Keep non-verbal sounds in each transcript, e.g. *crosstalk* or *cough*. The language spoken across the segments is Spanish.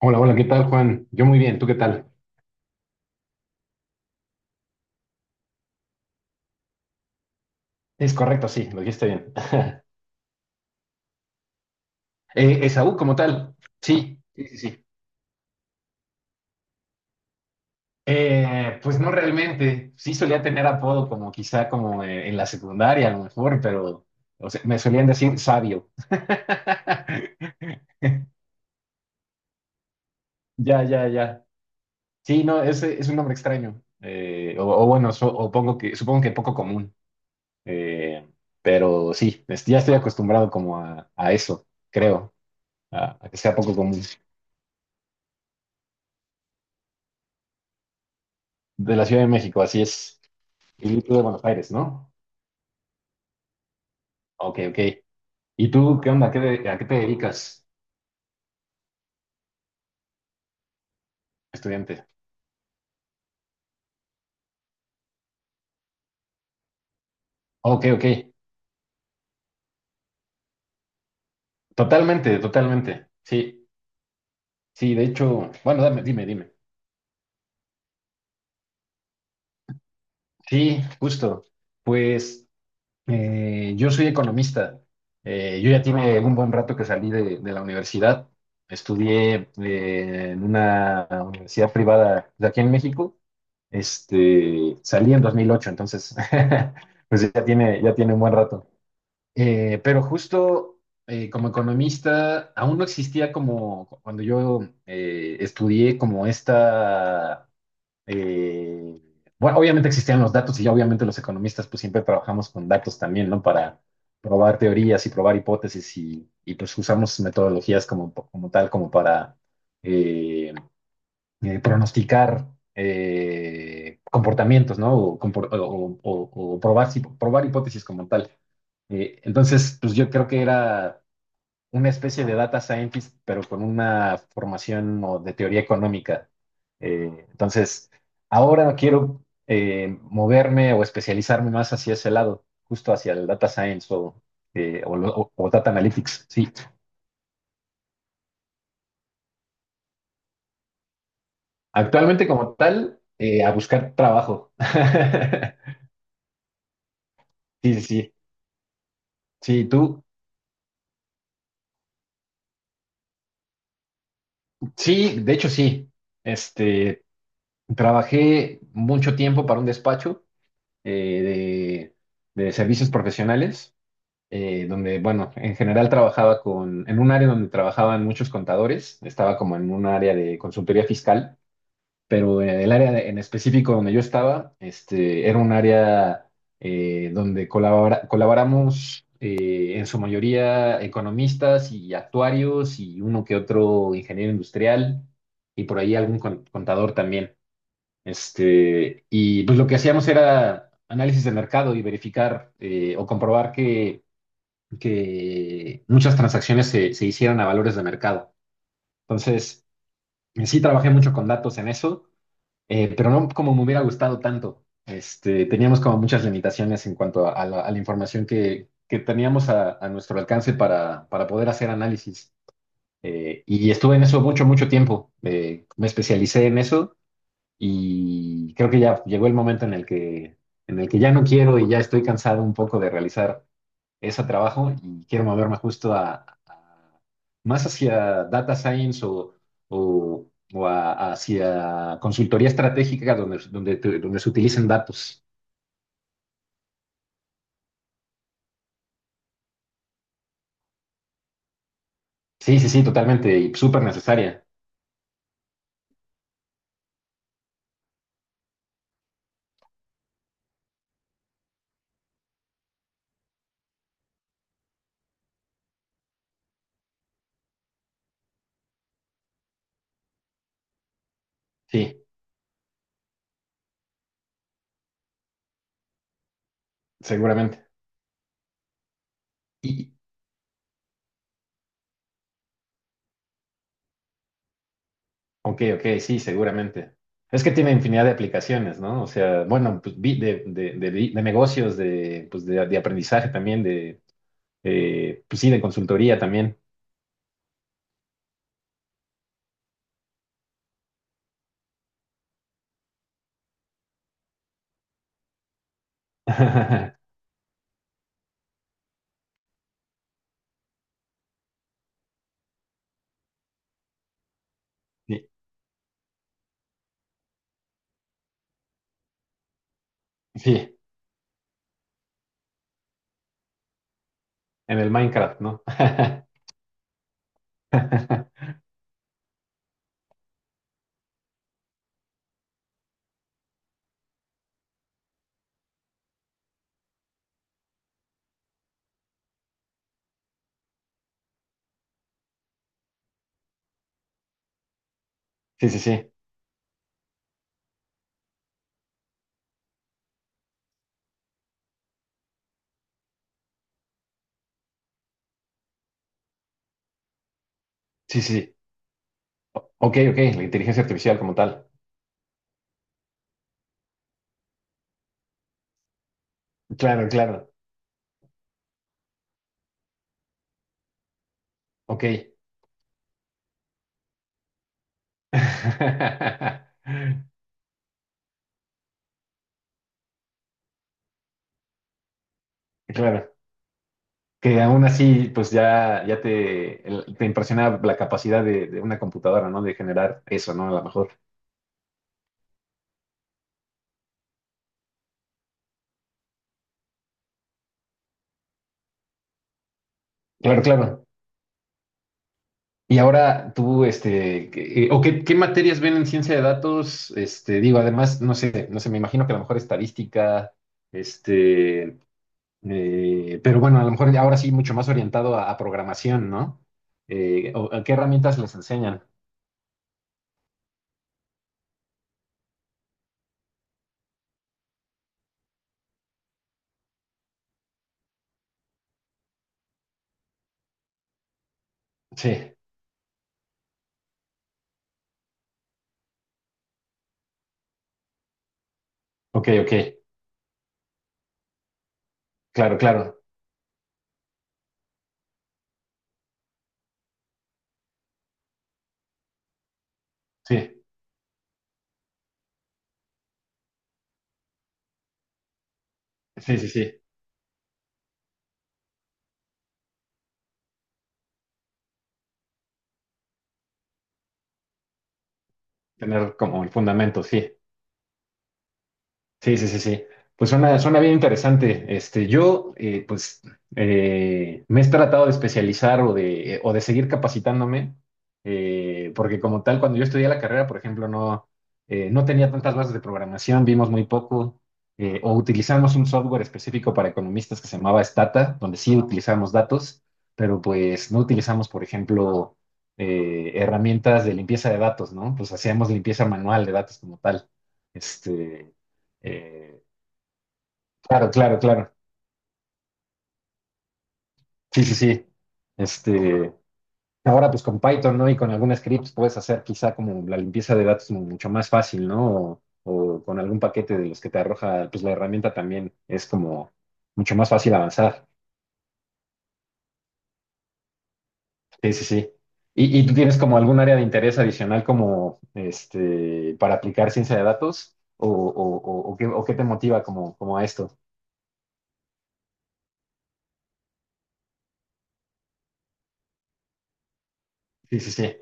Hola, hola, ¿qué tal, Juan? Yo muy bien, ¿tú qué tal? Es correcto, sí, lo dijiste bien. Esaú, como tal, sí, sí, sí, sí. Pues no realmente, sí solía tener apodo como quizá como en la secundaria a lo mejor, pero o sea, me solían decir sabio. *laughs* Ya, ya, ya. Sí, no, es un nombre extraño. O, o bueno, o pongo que, supongo que poco común. Eh, pero sí, ya estoy acostumbrado como a eso, creo, a que sea poco común. De la Ciudad de México, así es. Y tú de Buenos Aires, ¿no? Ok, ok. ¿Y tú qué onda? ¿A qué te dedicas, estudiante? Ok, ok. Totalmente, totalmente. Sí, sí, de hecho, bueno, dime, dime. Sí, justo. Pues yo soy economista. Yo ya tiene un buen rato que salí de la universidad. Estudié en una universidad privada de aquí en México. Este, salí en 2008, entonces *laughs* pues ya tiene un buen rato. Pero justo como economista, aún no existía como cuando yo estudié como esta... eh, bueno, obviamente existían los datos y ya obviamente los economistas pues siempre trabajamos con datos también, ¿no? Para probar teorías y probar hipótesis y pues usamos metodologías como, como tal, como para... eh, pronosticar comportamientos, ¿no? O, o probar, probar hipótesis como tal. Entonces, pues yo creo que era una especie de data scientist, pero con una formación o de teoría económica. Entonces, ahora quiero moverme o especializarme más hacia ese lado, justo hacia el data science o, o data analytics, sí. Actualmente como tal, a buscar trabajo. *laughs* Sí, sí, sí. Sí, tú, sí, de hecho sí. Este, trabajé mucho tiempo para un despacho eh, de servicios profesionales, donde, bueno, en general trabajaba con, en un área donde trabajaban muchos contadores, estaba como en un área de consultoría fiscal. Pero el en específico donde yo estaba, este, era un área donde colaboramos en su mayoría economistas y actuarios y uno que otro ingeniero industrial y por ahí algún contador también. Este, y pues lo que hacíamos era análisis de mercado y verificar o comprobar que muchas transacciones se hicieron a valores de mercado. Entonces, sí trabajé mucho con datos en eso pero no como me hubiera gustado tanto. Este, teníamos como muchas limitaciones en cuanto a la información que teníamos a nuestro alcance para poder hacer análisis. Y estuve en eso mucho, mucho tiempo. Me especialicé en eso y creo que ya llegó el momento en el que ya no quiero y ya estoy cansado un poco de realizar es a trabajo y quiero moverme justo más hacia data science o, o- hacia consultoría estratégica donde, donde, donde se utilicen datos. Sí, sí, sí, totalmente y súper necesaria. Sí, seguramente. Y, ok, ok, sí, seguramente. Es que tiene infinidad de aplicaciones, ¿no? O sea, bueno, pues, de negocios, de, pues, de aprendizaje también, de, pues sí, de consultoría también. *laughs* Sí, sí. En el Minecraft, ¿no? *laughs* Sí, sí, sí, sí, sí. Ok, ok, la inteligencia artificial como tal. Claro, claro, ok. *laughs* Claro, que aún así, pues ya, te impresiona la capacidad de una computadora, ¿no? De generar eso, ¿no? A lo mejor. Claro, claro. Y ahora tú, este, qué materias ven en ciencia de datos, este, digo, además, no sé, no sé, me imagino que a lo mejor estadística, este. Pero bueno, a lo mejor ahora sí mucho más orientado a programación, ¿no? ¿A qué herramientas les enseñan? Sí, ok, ok, claro, claro, sí, sí, sí, sí, tener como el fundamento, sí. Sí, sí, sí, sí. Pues suena, suena bien interesante. Este, yo, pues, me he tratado de especializar o de seguir capacitándome, porque como tal, cuando yo estudié la carrera, por ejemplo, no, no tenía tantas bases de programación, vimos muy poco, o utilizamos un software específico para economistas que se llamaba Stata, donde sí utilizamos datos, pero pues no utilizamos, por ejemplo, herramientas de limpieza de datos, ¿no? Pues hacíamos limpieza manual de datos como tal. Este, eh, Claro, claro, claro. Sí, sí, sí. Este, ahora pues con Python, ¿no? Y con algún scripts puedes hacer quizá como la limpieza de datos mucho más fácil, ¿no? O con algún paquete de los que te arroja, pues la herramienta también es como mucho más fácil avanzar. Sí, sí, sí. ¿Y tú tienes como algún área de interés adicional como este para aplicar ciencia de datos? O, o qué te motiva como, como a esto? Sí, sí, sí.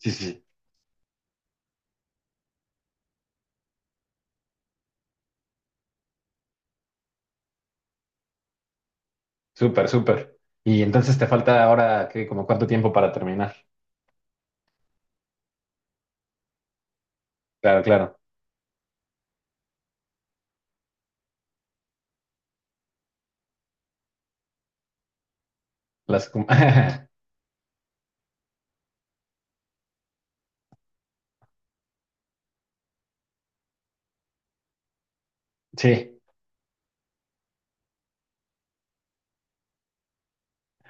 Sí, sí, sí. Súper, súper. Y entonces te falta ahora, ¿qué? ¿Como cuánto tiempo para terminar? Claro, claro. Las... *laughs* Sí,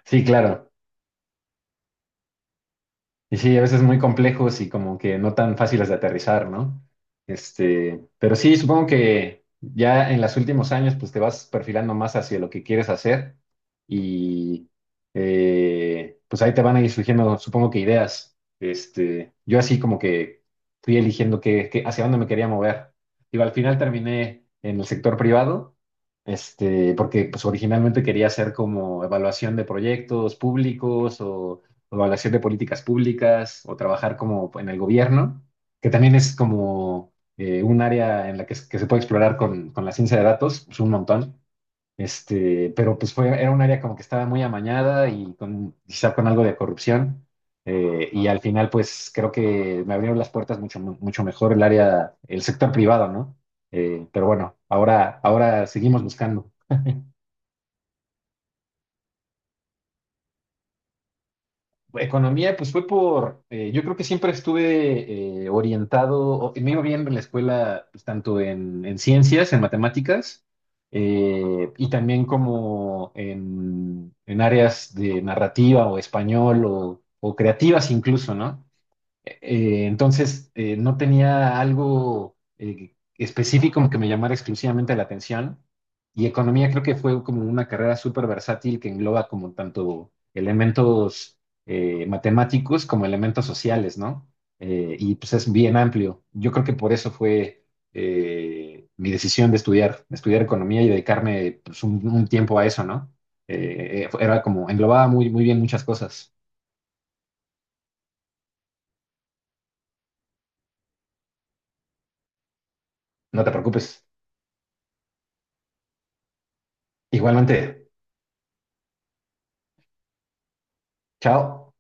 sí, claro. Y sí, a veces muy complejos y como que no tan fáciles de aterrizar, ¿no? Este, pero sí, supongo que ya en los últimos años pues te vas perfilando más hacia lo que quieres hacer y pues ahí te van a ir surgiendo, supongo que ideas. Este, yo así como que fui eligiendo hacia dónde me quería mover. Digo, al final terminé en el sector privado, este, porque pues originalmente quería hacer como evaluación de proyectos públicos o evaluación de políticas públicas o trabajar como en el gobierno, que también es como un área en la que, que se puede explorar con la ciencia de datos, pues un montón. Este, pero pues fue, era un área como que estaba muy amañada y con, quizá con algo de corrupción. Y al final, pues creo que me abrieron las puertas mucho, mucho mejor el área, el sector privado, ¿no? Pero bueno, ahora, ahora seguimos buscando. Economía, pues fue por, yo creo que siempre estuve orientado, me iba bien en la escuela, pues, tanto en ciencias, en matemáticas, y también como en áreas de narrativa o español o creativas incluso, ¿no? Entonces, no tenía algo específico que me llamara exclusivamente la atención. Y economía creo que fue como una carrera súper versátil que engloba como tanto elementos matemáticos como elementos sociales, ¿no? Y pues es bien amplio. Yo creo que por eso fue mi decisión de estudiar economía y dedicarme pues, un tiempo a eso, ¿no? Era como, englobaba muy, muy bien muchas cosas. No te preocupes. Igualmente, chao.